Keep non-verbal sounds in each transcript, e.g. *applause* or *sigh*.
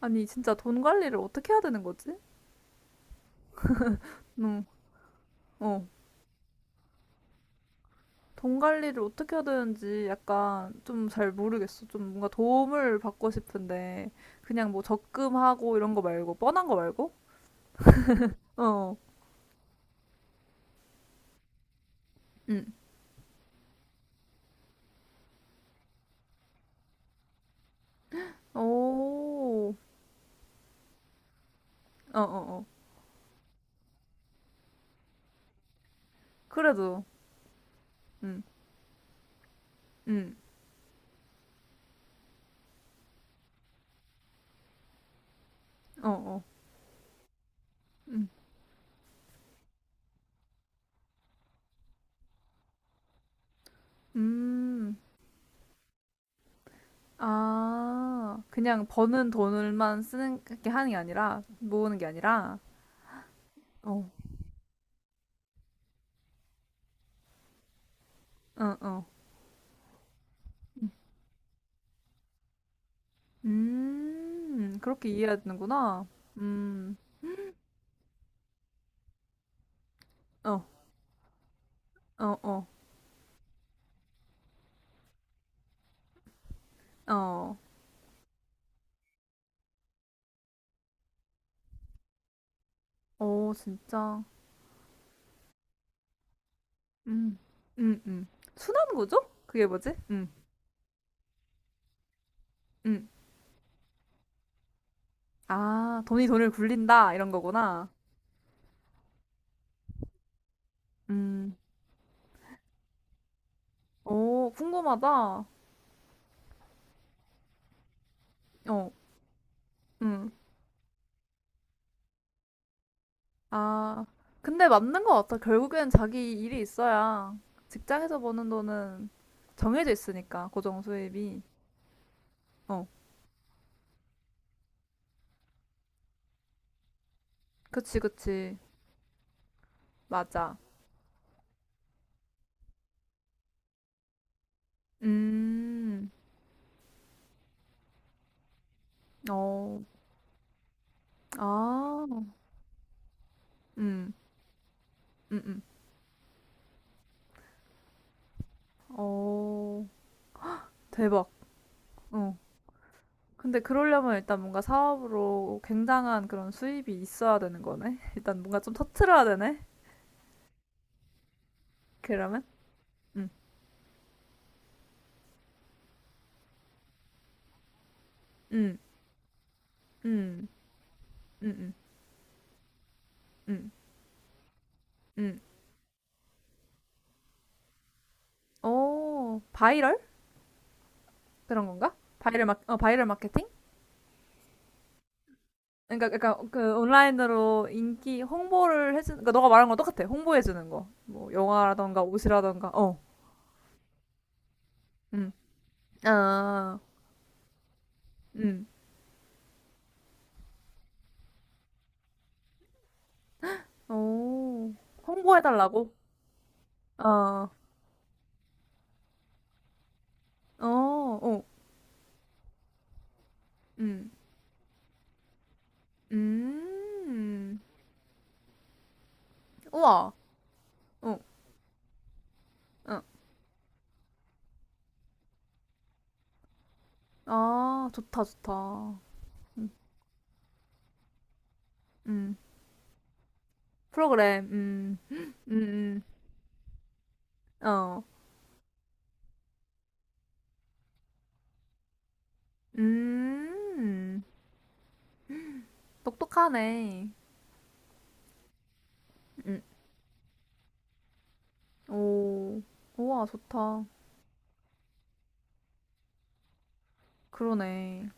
아니, 진짜 돈 관리를 어떻게 해야 되는 거지? 응, 어. 돈 관리를 어떻게 해야 되는지 약간 좀 잘 모르겠어. 좀 뭔가 도움을 받고 싶은데, 그냥 뭐 적금하고 이런 거 말고, 뻔한 거 말고? 어, 응. 오, 어, 어, 어. 그래도, 응, 응, 어, 어, 응, 음. 아, 그냥 버는 돈을만 쓰는 게 하는 게 아니라, 모으는 게 아니라, 어, 어, 어. 그렇게 이해하는구나. 음, 어, 어, 어, 어, 어, 진짜. 음, 음, 음. 순환구조? 그게 뭐지? 음. 아, 돈이 돈을 굴린다, 이런 거구나. 음, 오, 궁금하다. 어, 음. 아, 근데 맞는 것 같아. 결국엔 자기 일이 있어야 직장에서 버는 돈은 정해져 있으니까, 고정 수입이. 어, 그치, 그치. 맞아. 음, 어. 아. 음, 음, 음. 어, 대박. 어. 근데 그러려면 일단 뭔가 사업으로 굉장한 그런 수입이 있어야 되는 거네. *laughs* 일단 뭔가 좀 터트려야 되네. 그러면? 음, 음, 음, 음, 음, 음. 음. 오, 바이럴? 그런 건가? 어, 바이럴 마케팅? 그러니까, 그러니까 그 온라인으로 인기 홍보를 해주는, 그러니까 너가 말한 거 똑같아. 홍보해주는 거. 뭐 영화라던가 옷이라던가. 어, 음, 아, 음. 어, 홍보해달라고? 어, 어, 어, 음, 음, 우와, 어, 어, 아, 좋다, 좋다. 음, 음, 프로그램, 어, 음, 똑똑하네. 음, 오, 우와, 좋다. 그러네.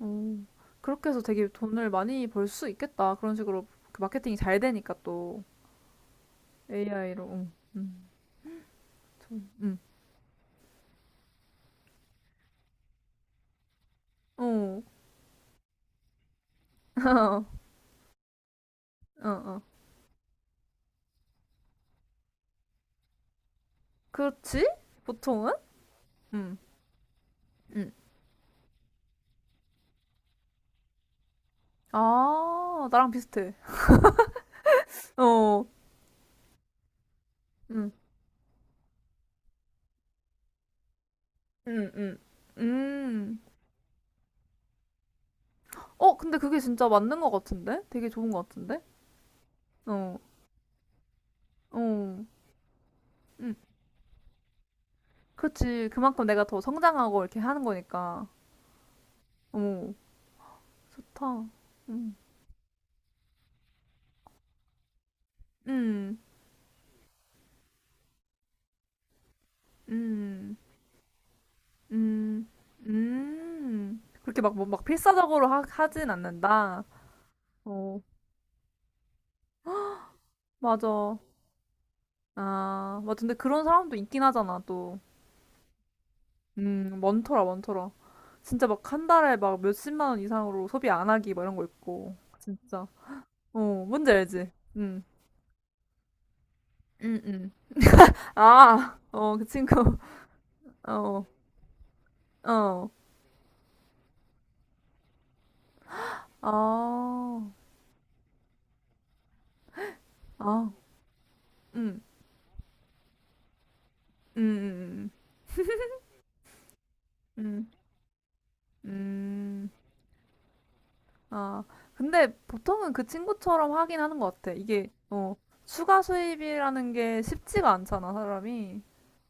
오, 그렇게 해서 되게 돈을 많이 벌 수 있겠다. 그런 식으로 그 마케팅이 잘 되니까 또 AI로, 좀, 어, *laughs* 어, 어, 어. 그렇지? 보통은? 응, 응. 아, 나랑 비슷해. 어, 응, 응, 응. 음. 어, 근데 그게 진짜 맞는 것 같은데? 되게 좋은 것 같은데? 어, 어, 응. 그렇지. 그만큼 내가 더 성장하고 이렇게 하는 거니까. 어, 좋다. 응, 응, 응, 응, 응 그렇게 막, 뭐, 막 필사적으로 하진 않는다. 어, 맞아. 아, 맞아. 근데 그런 사람도 있긴 하잖아, 또. 많더라, 많더라. 진짜 막 한 달에 막 몇십만 원 이상으로 소비 안 하기 막 이런 거 있고. 진짜. 어, 뭔지 알지? 응, 응, 응. 아, 어, 그 친구. *laughs* 어, 어. 아, 아, 응, 응, 응, 응. 응, 응. 아, 근데 보통은 그 친구처럼 하긴 하는 것 같아. 이게, 어, 추가 수입이라는 게 쉽지가 않잖아, 사람이.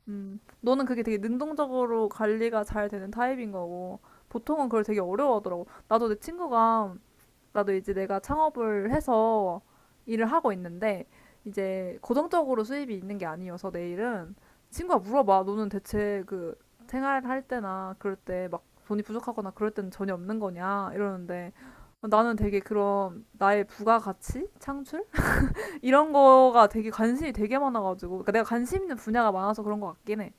너는 그게 되게 능동적으로 관리가 잘 되는 타입인 거고, 보통은 그걸 되게 어려워하더라고. 나도 내 친구가, 나도 이제 내가 창업을 해서 일을 하고 있는데, 이제 고정적으로 수입이 있는 게 아니어서 내일은 친구가 물어봐. 너는 대체 그 생활할 때나 그럴 때 막 돈이 부족하거나 그럴 때는 전혀 없는 거냐? 이러는데, 나는 되게 그런 나의 부가가치? 창출? *laughs* 이런 거가 되게 관심이 되게 많아가지고, 그러니까 내가 관심 있는 분야가 많아서 그런 것 같긴 해.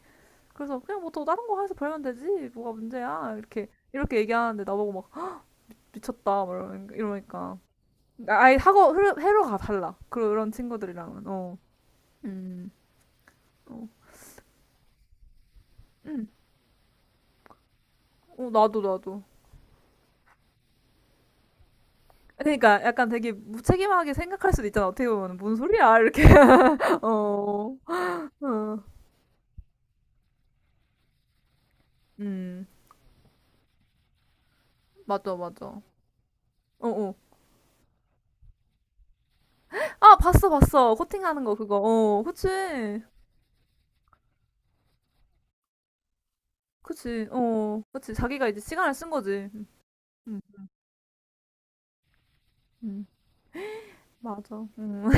그래서 그냥 뭐 더 다른 거 해서 벌면 되지 뭐가 문제야 이렇게 이렇게 얘기하는데 나보고 막 미쳤다 막 이러니까, 이러니까. 아예 회로가 달라 그런 친구들이랑은 어, 음, 어, 음, 어 나도 그러니까 약간 되게 무책임하게 생각할 수도 있잖아 어떻게 보면 뭔 소리야 이렇게 *laughs* 어, 어, 음, 맞아 어, 어. 아 봤어 코팅하는 거 그거 어 그치 그치 자기가 이제 시간을 쓴 거지 음, 음, 맞아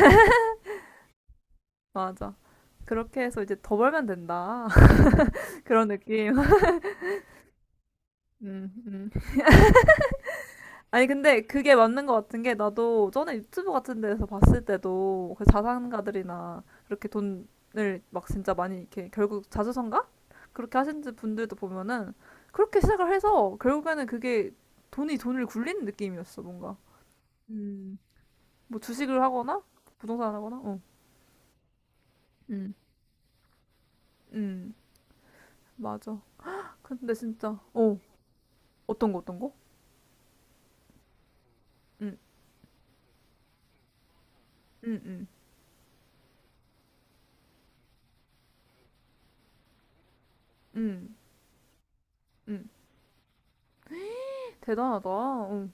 맞아. 그렇게 해서 이제 더 벌면 된다. *laughs* 그런 느낌. *laughs* 음, 음. 아니, 근데 그게 맞는 것 같은 게 나도 전에 유튜브 같은 데서 봤을 때도 그 자산가들이나 이렇게 돈을 막 진짜 많이 이렇게 결국 자수성가? 그렇게 하신 분들도 보면은 그렇게 시작을 해서 결국에는 그게 돈이 돈을 굴리는 느낌이었어, 뭔가. 음. 뭐 주식을 하거나 부동산 하거나, 어. 음, 음. 맞아. 근데 진짜, 어. 어떤 거, 어떤 거? 음, 음, 음. 음, 음. 대단하다. 응.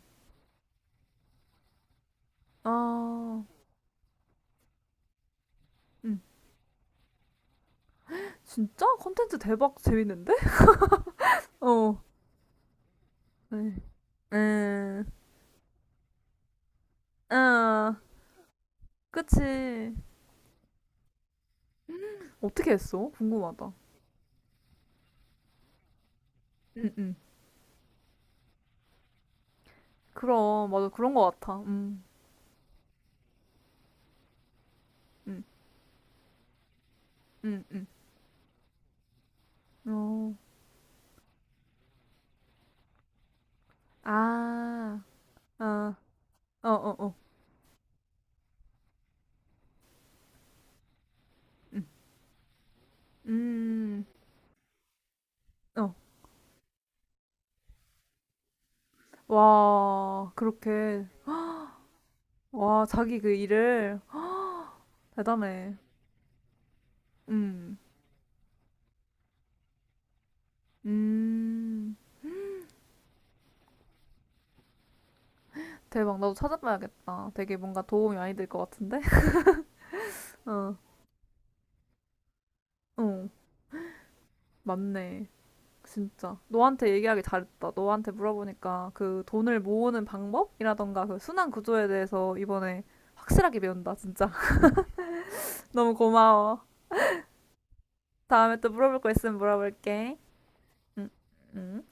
아, 음. 진짜? 컨텐츠 대박 재밌는데? *laughs* 어. 음, 음, 아, 그치. 어떻게 했어? 궁금하다. 응 응. 그럼, 맞아. 그런 거 같아. 음, 음, 음. 어. 아, 아, 어, 어, 어. 음, 음, 어. 와, 그렇게. 와, 자기 그 일을. 대단해. 음, 음. 대박, 나도 찾아봐야겠다. 되게 뭔가 도움이 많이 될 것 같은데? *laughs* 어, 응, 맞네. 진짜. 너한테 얘기하기 잘했다. 너한테 물어보니까 그 돈을 모으는 방법이라던가 그 순환 구조에 대해서 이번에 확실하게 배운다, 진짜. *laughs* 너무 고마워. 다음에 또 물어볼 거 있으면 물어볼게. 응, 응.